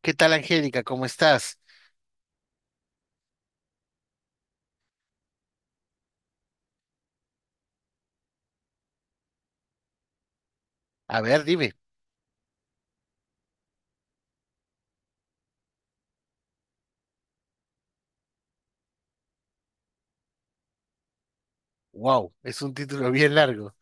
¿Qué tal, Angélica? ¿Cómo estás? A ver, dime. Wow, es un título bien largo.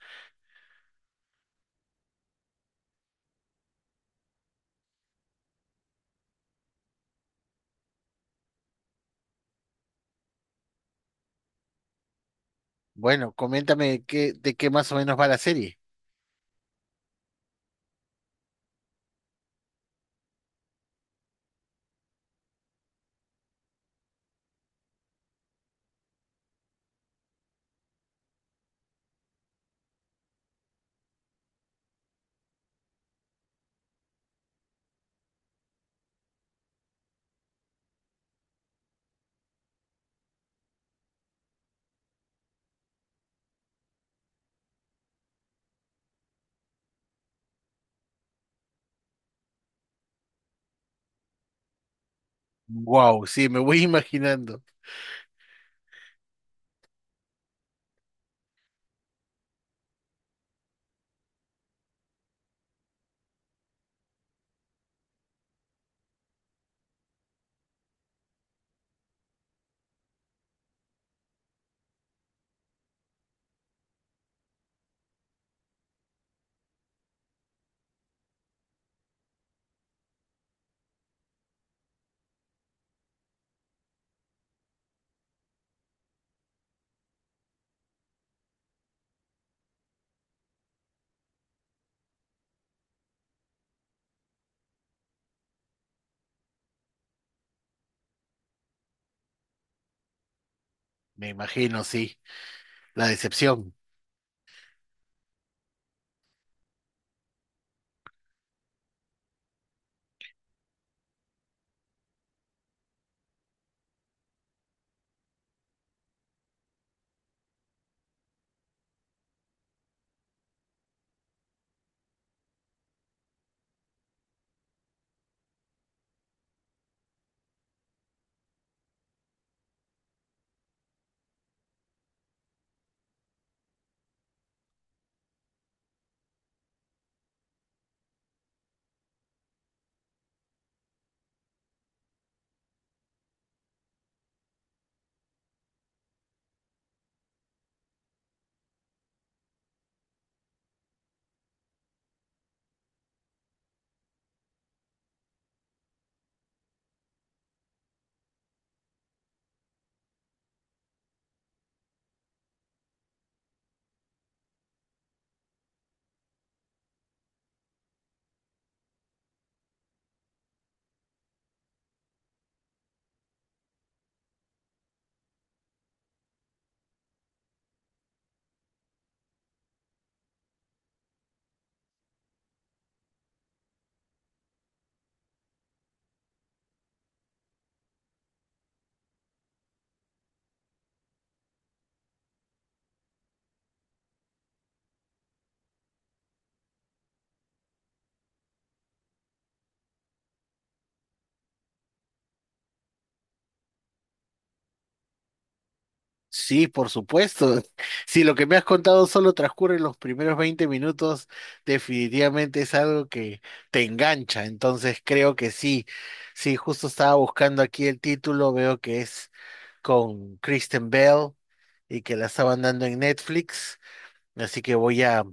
Bueno, coméntame de qué más o menos va la serie. Wow, sí, me voy imaginando. Me imagino, sí. La decepción. Sí, por supuesto. Si lo que me has contado solo transcurre los primeros 20 minutos, definitivamente es algo que te engancha. Entonces creo que sí. Sí, justo estaba buscando aquí el título, veo que es con Kristen Bell y que la estaban dando en Netflix. Así que voy a...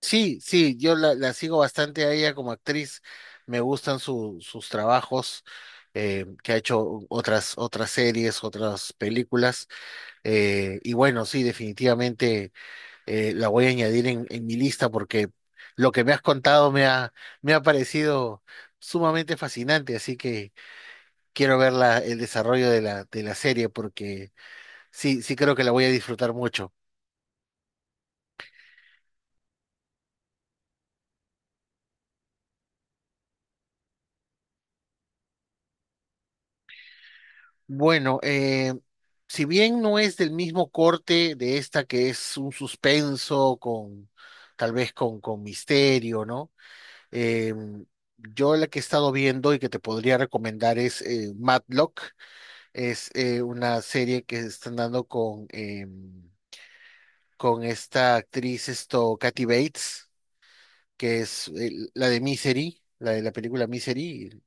Sí, sí, yo la sigo bastante a ella como actriz. Me gustan sus trabajos, que ha hecho otras series, otras películas. Y bueno, sí, definitivamente, la voy a añadir en mi lista porque lo que me has contado me ha parecido sumamente fascinante. Así que quiero ver el desarrollo de la serie porque sí, sí creo que la voy a disfrutar mucho. Bueno, si bien no es del mismo corte de esta, que es un suspenso con tal vez con misterio, ¿no? Eh, yo, la que he estado viendo y que te podría recomendar es, Matlock, es, una serie que están dando con esta actriz, esto, Kathy Bates, que es, la de Misery, la de la película Misery,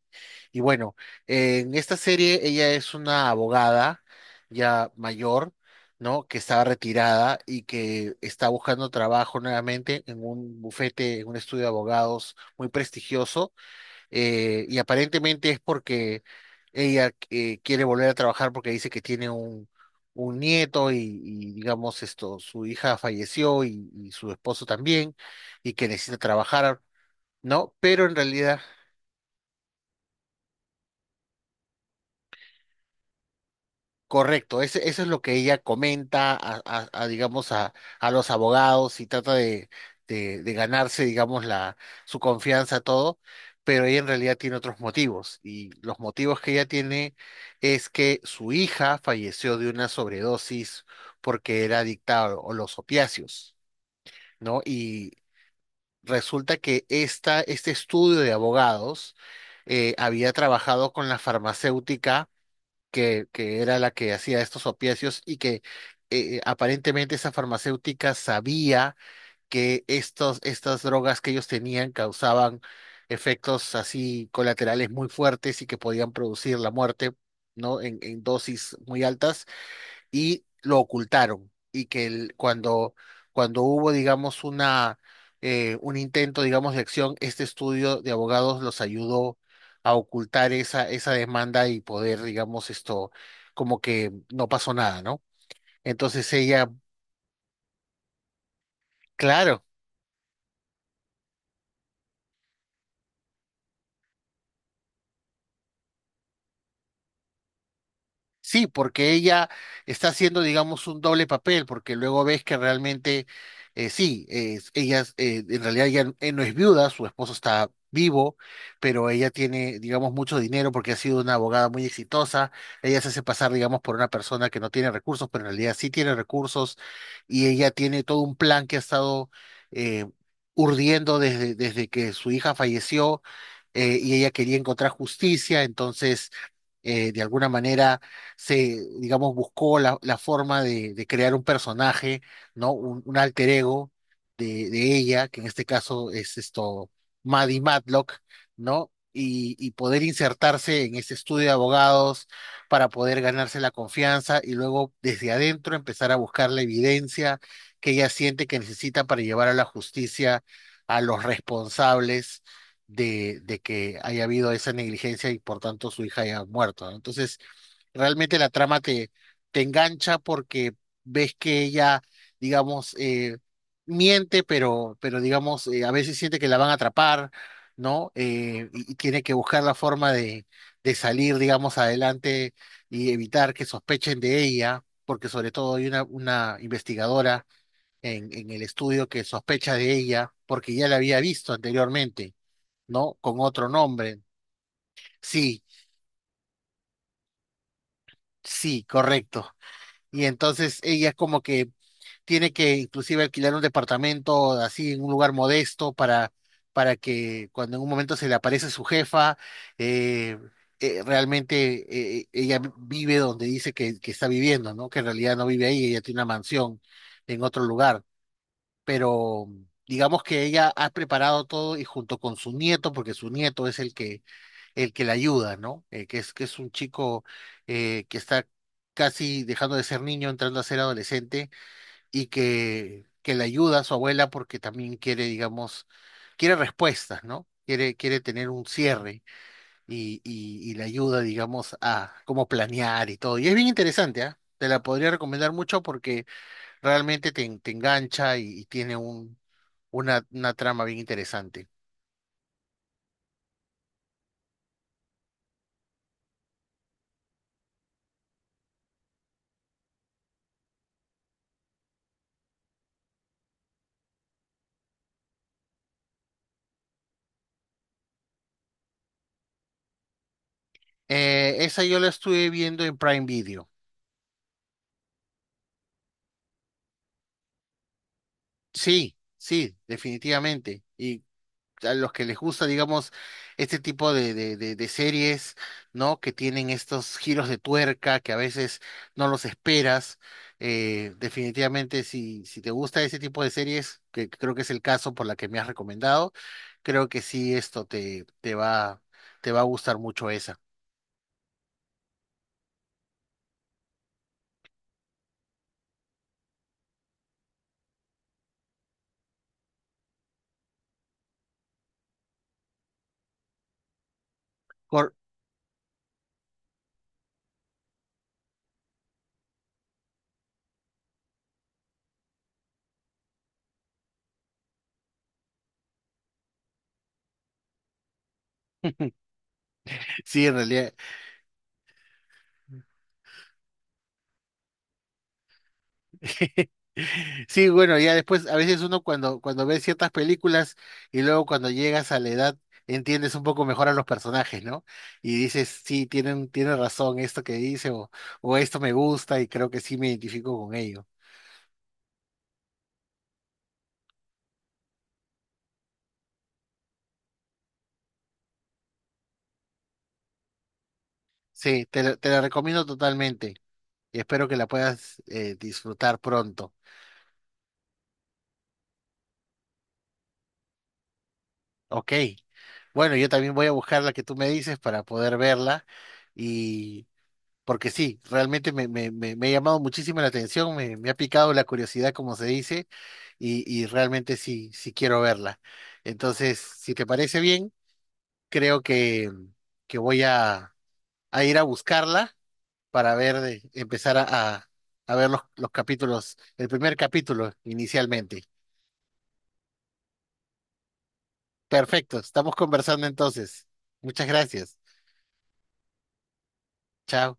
y bueno, en esta serie ella es una abogada ya mayor, ¿no? Que estaba retirada y que está buscando trabajo nuevamente en un bufete, en un estudio de abogados muy prestigioso. Y aparentemente es porque ella, quiere volver a trabajar porque dice que tiene un nieto y, digamos esto, su hija falleció y su esposo también, y que necesita trabajar, ¿no? Pero en realidad... Correcto, eso es lo que ella comenta a, a, digamos, a los abogados y trata de, de ganarse, digamos, la, su confianza, todo, pero ella en realidad tiene otros motivos, y los motivos que ella tiene es que su hija falleció de una sobredosis porque era adicta a los opiáceos, ¿no? Y resulta que este estudio de abogados, había trabajado con la farmacéutica que era la que hacía estos opiáceos, y que, aparentemente esa farmacéutica sabía que estas drogas que ellos tenían causaban efectos así colaterales muy fuertes y que podían producir la muerte, ¿no? En dosis muy altas, y lo ocultaron. Y que cuando, cuando hubo, digamos, una, un intento, digamos, de acción, este estudio de abogados los ayudó a ocultar esa, esa demanda y poder, digamos, esto, como que no pasó nada, ¿no? Entonces ella, claro. Sí, porque ella está haciendo, digamos, un doble papel, porque luego ves que realmente, en realidad ella, no es viuda, su esposo está vivo, pero ella tiene, digamos, mucho dinero porque ha sido una abogada muy exitosa. Ella se hace pasar, digamos, por una persona que no tiene recursos, pero en realidad sí tiene recursos, y ella tiene todo un plan que ha estado, eh, urdiendo desde, desde que su hija falleció, y ella quería encontrar justicia, entonces, de alguna manera se, digamos, buscó la, la forma de crear un personaje, ¿no? Un alter ego de ella, que en este caso es esto, Maddie Matlock, ¿no? Y poder insertarse en ese estudio de abogados para poder ganarse la confianza y luego desde adentro empezar a buscar la evidencia que ella siente que necesita para llevar a la justicia a los responsables de que haya habido esa negligencia y por tanto su hija haya muerto, ¿no? Entonces, realmente la trama te, te engancha porque ves que ella, digamos, miente, pero digamos, a veces siente que la van a atrapar, ¿no? Y, y tiene que buscar la forma de salir, digamos, adelante y evitar que sospechen de ella, porque sobre todo hay una investigadora en el estudio que sospecha de ella porque ya la había visto anteriormente. ¿No? Con otro nombre. Sí, sí, correcto. Y entonces ella es como que tiene que inclusive alquilar un departamento así en un lugar modesto para que cuando en un momento se le aparece su jefa, eh, realmente, ella vive donde dice que está viviendo, ¿no? Que en realidad no vive ahí, ella tiene una mansión en otro lugar. Pero digamos que ella ha preparado todo y junto con su nieto, porque su nieto es el que, el que la ayuda, ¿no? Que es, que es un chico, que está casi dejando de ser niño, entrando a ser adolescente, y que le ayuda a su abuela porque también quiere, digamos, quiere respuestas, ¿no? Quiere, quiere tener un cierre, y le ayuda, digamos, a cómo planear y todo. Y es bien interesante, ¿ah? Te la podría recomendar mucho porque realmente te, te engancha, y tiene un, una trama bien interesante. Esa yo la estuve viendo en Prime Video. Sí, sí, definitivamente. Y a los que les gusta, digamos, este tipo de series, ¿no? Que tienen estos giros de tuerca que a veces no los esperas. Definitivamente, si, si te gusta ese tipo de series, que creo que es el caso por la que me has recomendado, creo que sí, esto te, te va a gustar mucho esa. Cor- Sí, en realidad. Sí, bueno, ya después, a veces uno cuando, cuando ve ciertas películas y luego cuando llegas a la edad, entiendes un poco mejor a los personajes, ¿no? Y dices, sí, tienen, tiene razón esto que dice, o esto me gusta y creo que sí me identifico con ello. Sí, te, te la recomiendo totalmente y espero que la puedas, disfrutar pronto. Ok, bueno, yo también voy a buscar la que tú me dices para poder verla porque sí, realmente me, me, me, me ha llamado muchísimo la atención, me ha picado la curiosidad, como se dice, y realmente sí, sí quiero verla. Entonces, si te parece bien, creo que voy a ir a buscarla para ver, empezar a, a ver los capítulos, el primer capítulo inicialmente. Perfecto, estamos conversando entonces. Muchas gracias. Chao.